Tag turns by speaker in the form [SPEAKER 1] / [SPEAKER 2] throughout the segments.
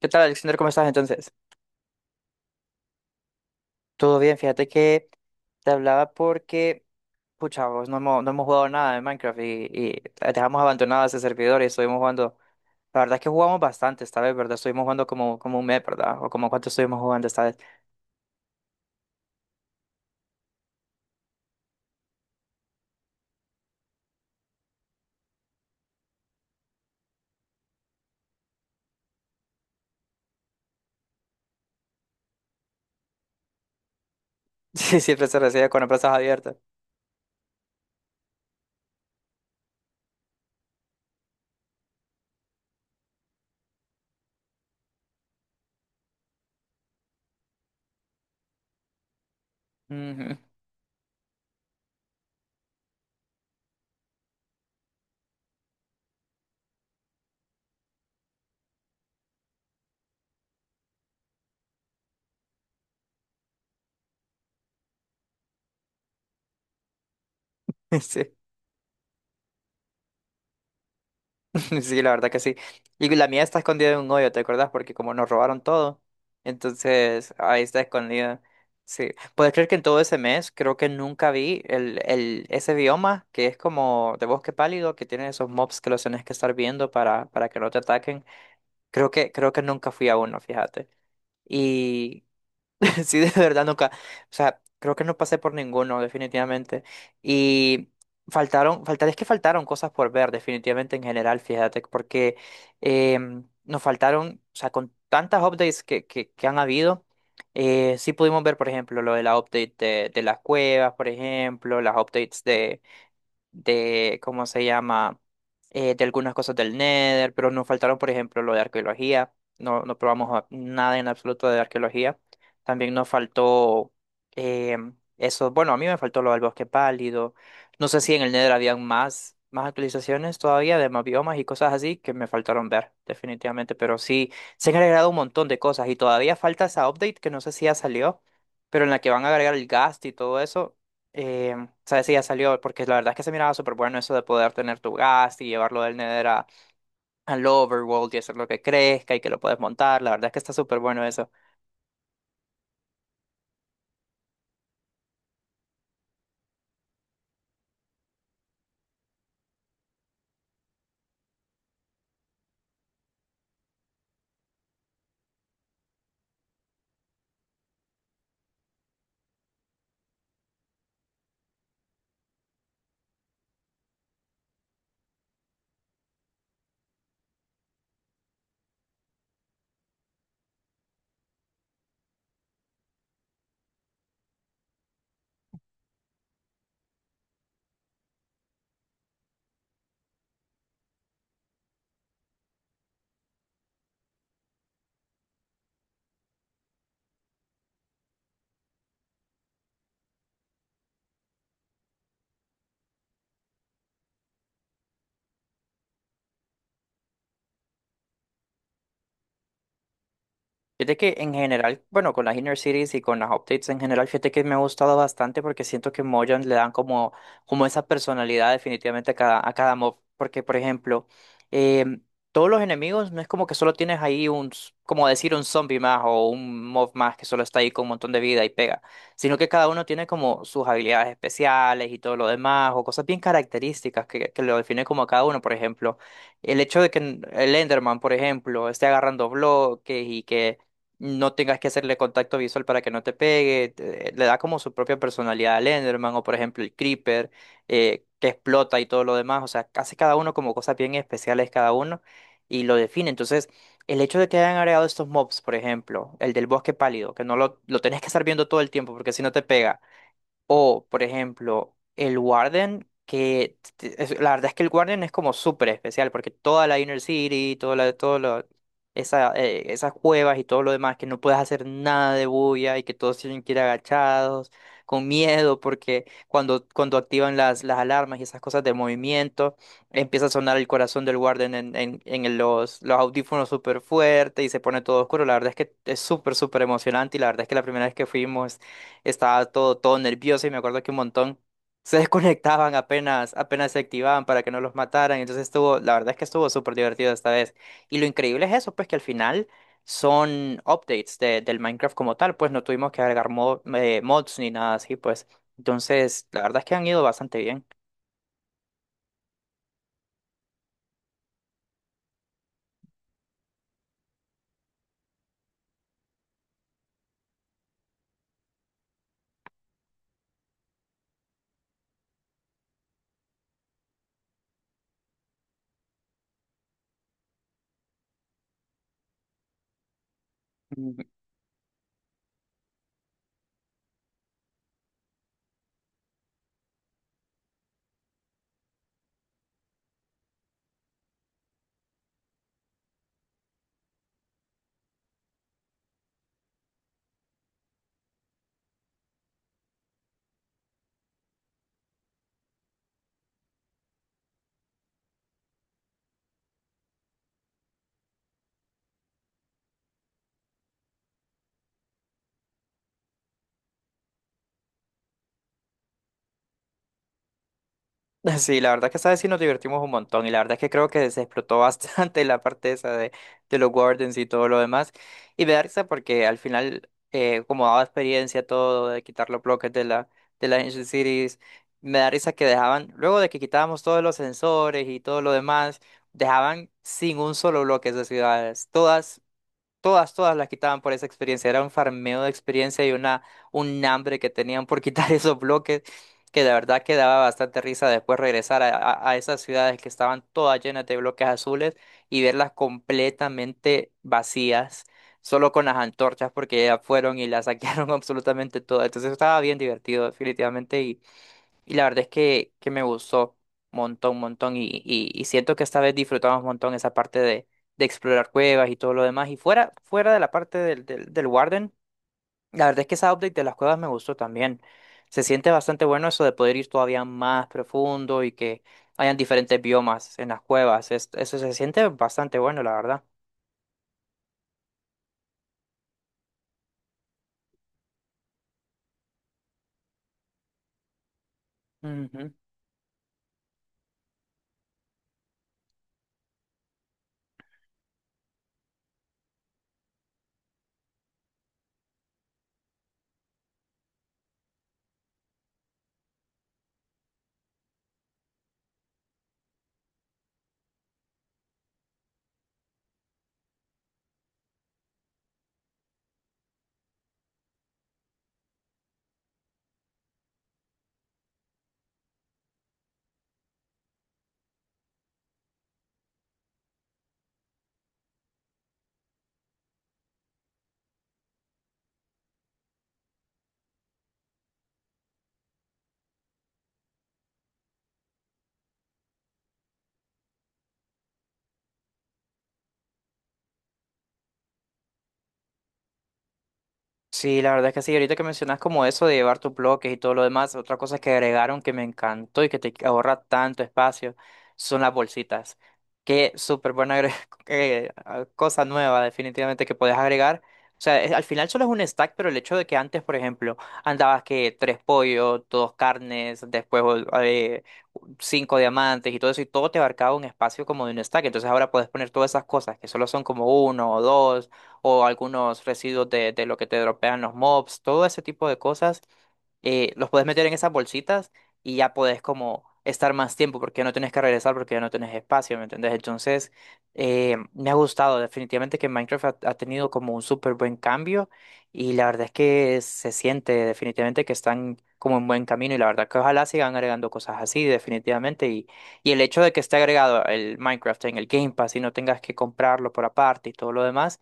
[SPEAKER 1] ¿Qué tal, Alexander? ¿Cómo estás entonces? Todo bien, fíjate que te hablaba porque, pucha, vos no hemos jugado nada de Minecraft y dejamos abandonado ese servidor y estuvimos jugando. La verdad es que jugamos bastante esta vez, ¿verdad? Estuvimos jugando como un mes, ¿verdad? O como cuánto estuvimos jugando esta vez. Sí, siempre se recibe con las plazas abiertas. Ujú. Sí. Sí, la verdad que sí. Y la mía está escondida en un hoyo, ¿te acordás? Porque como nos robaron todo, entonces ahí está escondida. Sí. ¿Puedes creer que en todo ese mes creo que nunca vi ese bioma que es como de bosque pálido, que tiene esos mobs que los tenés que estar viendo para que no te ataquen? Creo que nunca fui a uno, fíjate. Y Sí, de verdad nunca. O sea, creo que no pasé por ninguno, definitivamente. Y es que faltaron cosas por ver, definitivamente en general, fíjate, porque nos faltaron, o sea, con tantas updates que han habido, sí pudimos ver, por ejemplo, lo de la update de las cuevas, por ejemplo, las updates de, ¿cómo se llama? De algunas cosas del Nether, pero nos faltaron, por ejemplo, lo de arqueología. No, probamos nada en absoluto de arqueología. También nos faltó eh, eso. Bueno, a mí me faltó lo del bosque pálido. No sé si en el Nether habían más actualizaciones todavía de más biomas y cosas así que me faltaron ver, definitivamente. Pero sí, se han agregado un montón de cosas y todavía falta esa update que no sé si ya salió, pero en la que van a agregar el ghast y todo eso. Eh, sabes si ya salió, porque la verdad es que se miraba súper bueno eso de poder tener tu gas y llevarlo del Nether a, al Overworld y hacer lo que crezca y que lo puedes montar. La verdad es que está súper bueno eso. Fíjate que en general, bueno, con las Inner Cities y con las updates en general, fíjate que me ha gustado bastante porque siento que Mojang le dan como, como esa personalidad definitivamente a cada mob. Porque, por ejemplo, em, todos los enemigos no es como que solo tienes ahí un, como decir, un zombie más o un mob más que solo está ahí con un montón de vida y pega, sino que cada uno tiene como sus habilidades especiales y todo lo demás o cosas bien características que lo definen como a cada uno, por ejemplo. El hecho de que el Enderman, por ejemplo, esté agarrando bloques y que no tengas que hacerle contacto visual para que no te pegue, le da como su propia personalidad al Enderman o por ejemplo el Creeper, que explota y todo lo demás, o sea, hace cada uno como cosas bien especiales cada uno y lo define. Entonces, el hecho de que hayan agregado estos mobs, por ejemplo, el del bosque pálido, que no lo tenés que estar viendo todo el tiempo porque si no te pega. O, por ejemplo, el Warden, que la verdad es que el Warden es como súper especial, porque toda la Inner City, toda la, esa, esas cuevas y todo lo demás, que no puedes hacer nada de bulla y que todos tienen que ir agachados, con miedo, porque cuando activan las alarmas y esas cosas de movimiento, empieza a sonar el corazón del Warden en los audífonos súper fuerte y se pone todo oscuro. La verdad es que es súper, súper emocionante y la verdad es que la primera vez que fuimos estaba todo, todo nervioso y me acuerdo que un montón se desconectaban apenas, apenas se activaban para que no los mataran. Entonces estuvo, la verdad es que estuvo súper divertido esta vez. Y lo increíble es eso, pues que al final son updates del Minecraft como tal, pues no tuvimos que agregar mods ni nada así, pues. Entonces, la verdad es que han ido bastante bien. Sí, la verdad que esta vez sí nos divertimos un montón y la verdad que creo que se explotó bastante la parte esa de los wardens y todo lo demás. Y me da risa porque al final, como daba experiencia todo de quitar los bloques de la, de las Ancient Cities, me da risa que dejaban, luego de que quitábamos todos los sensores y todo lo demás, dejaban sin un solo bloque esas ciudades. Todas, todas las quitaban por esa experiencia. Era un farmeo de experiencia y una, un hambre que tenían por quitar esos bloques, que de verdad que daba bastante risa después regresar a esas ciudades que estaban todas llenas de bloques azules y verlas completamente vacías, solo con las antorchas, porque ya fueron y las saquearon absolutamente todas. Entonces estaba bien divertido, definitivamente, y la verdad es que me gustó montón, montón. Y siento que esta vez disfrutamos un montón esa parte de explorar cuevas y todo lo demás. Y fuera, fuera de la parte del Warden, la verdad es que esa update de las cuevas me gustó también. Se siente bastante bueno eso de poder ir todavía más profundo y que hayan diferentes biomas en las cuevas. Eso se siente bastante bueno, la verdad. Sí, la verdad es que sí, ahorita que mencionas como eso de llevar tus bloques y todo lo demás, otra cosa que agregaron que me encantó y que te ahorra tanto espacio son las bolsitas. Qué súper buena cosa nueva definitivamente que podés agregar. O sea, al final solo es un stack, pero el hecho de que antes, por ejemplo, andabas que tres pollos, dos carnes, después cinco diamantes y todo eso, y todo te abarcaba un espacio como de un stack. Entonces ahora puedes poner todas esas cosas que solo son como uno o dos o algunos residuos de lo que te dropean los mobs, todo ese tipo de cosas, los puedes meter en esas bolsitas y ya podés como estar más tiempo porque ya no tenés que regresar porque ya no tenés espacio, ¿me entendés? Entonces, me ha gustado definitivamente que Minecraft ha tenido como un súper buen cambio y la verdad es que se siente definitivamente que están como en buen camino y la verdad que ojalá sigan agregando cosas así definitivamente y el hecho de que esté agregado el Minecraft en el Game Pass y no tengas que comprarlo por aparte y todo lo demás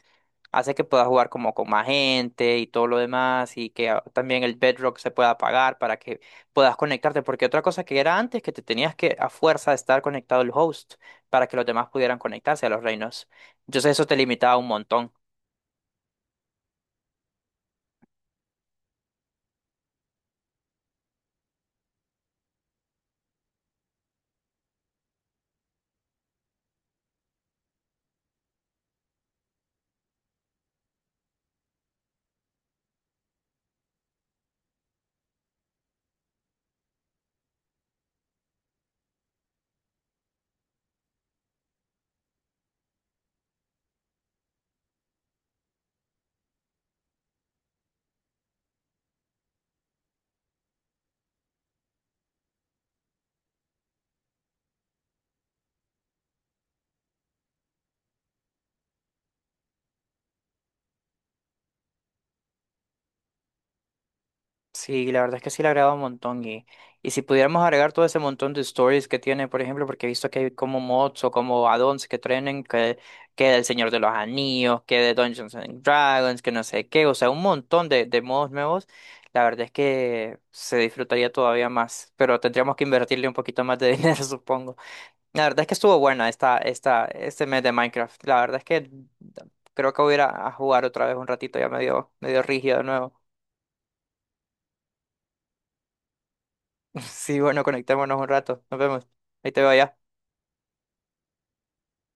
[SPEAKER 1] hace que puedas jugar como con más gente y todo lo demás y que ah, también el Bedrock se pueda apagar para que puedas conectarte, porque otra cosa que era antes que te tenías que a fuerza estar conectado al host para que los demás pudieran conectarse a los reinos. Entonces eso te limitaba un montón. Sí, la verdad es que sí le agrega un montón y si pudiéramos agregar todo ese montón de stories que tiene, por ejemplo, porque he visto que hay como mods o como add-ons que traen que del Señor de los Anillos, que de Dungeons and Dragons, que no sé qué, o sea, un montón de modos nuevos, la verdad es que se disfrutaría todavía más, pero tendríamos que invertirle un poquito más de dinero, supongo. La verdad es que estuvo buena este mes de Minecraft, la verdad es que creo que voy a ir a jugar otra vez un ratito, ya medio, medio rígido de nuevo. Sí, bueno, conectémonos un rato. Nos vemos. Ahí te veo allá.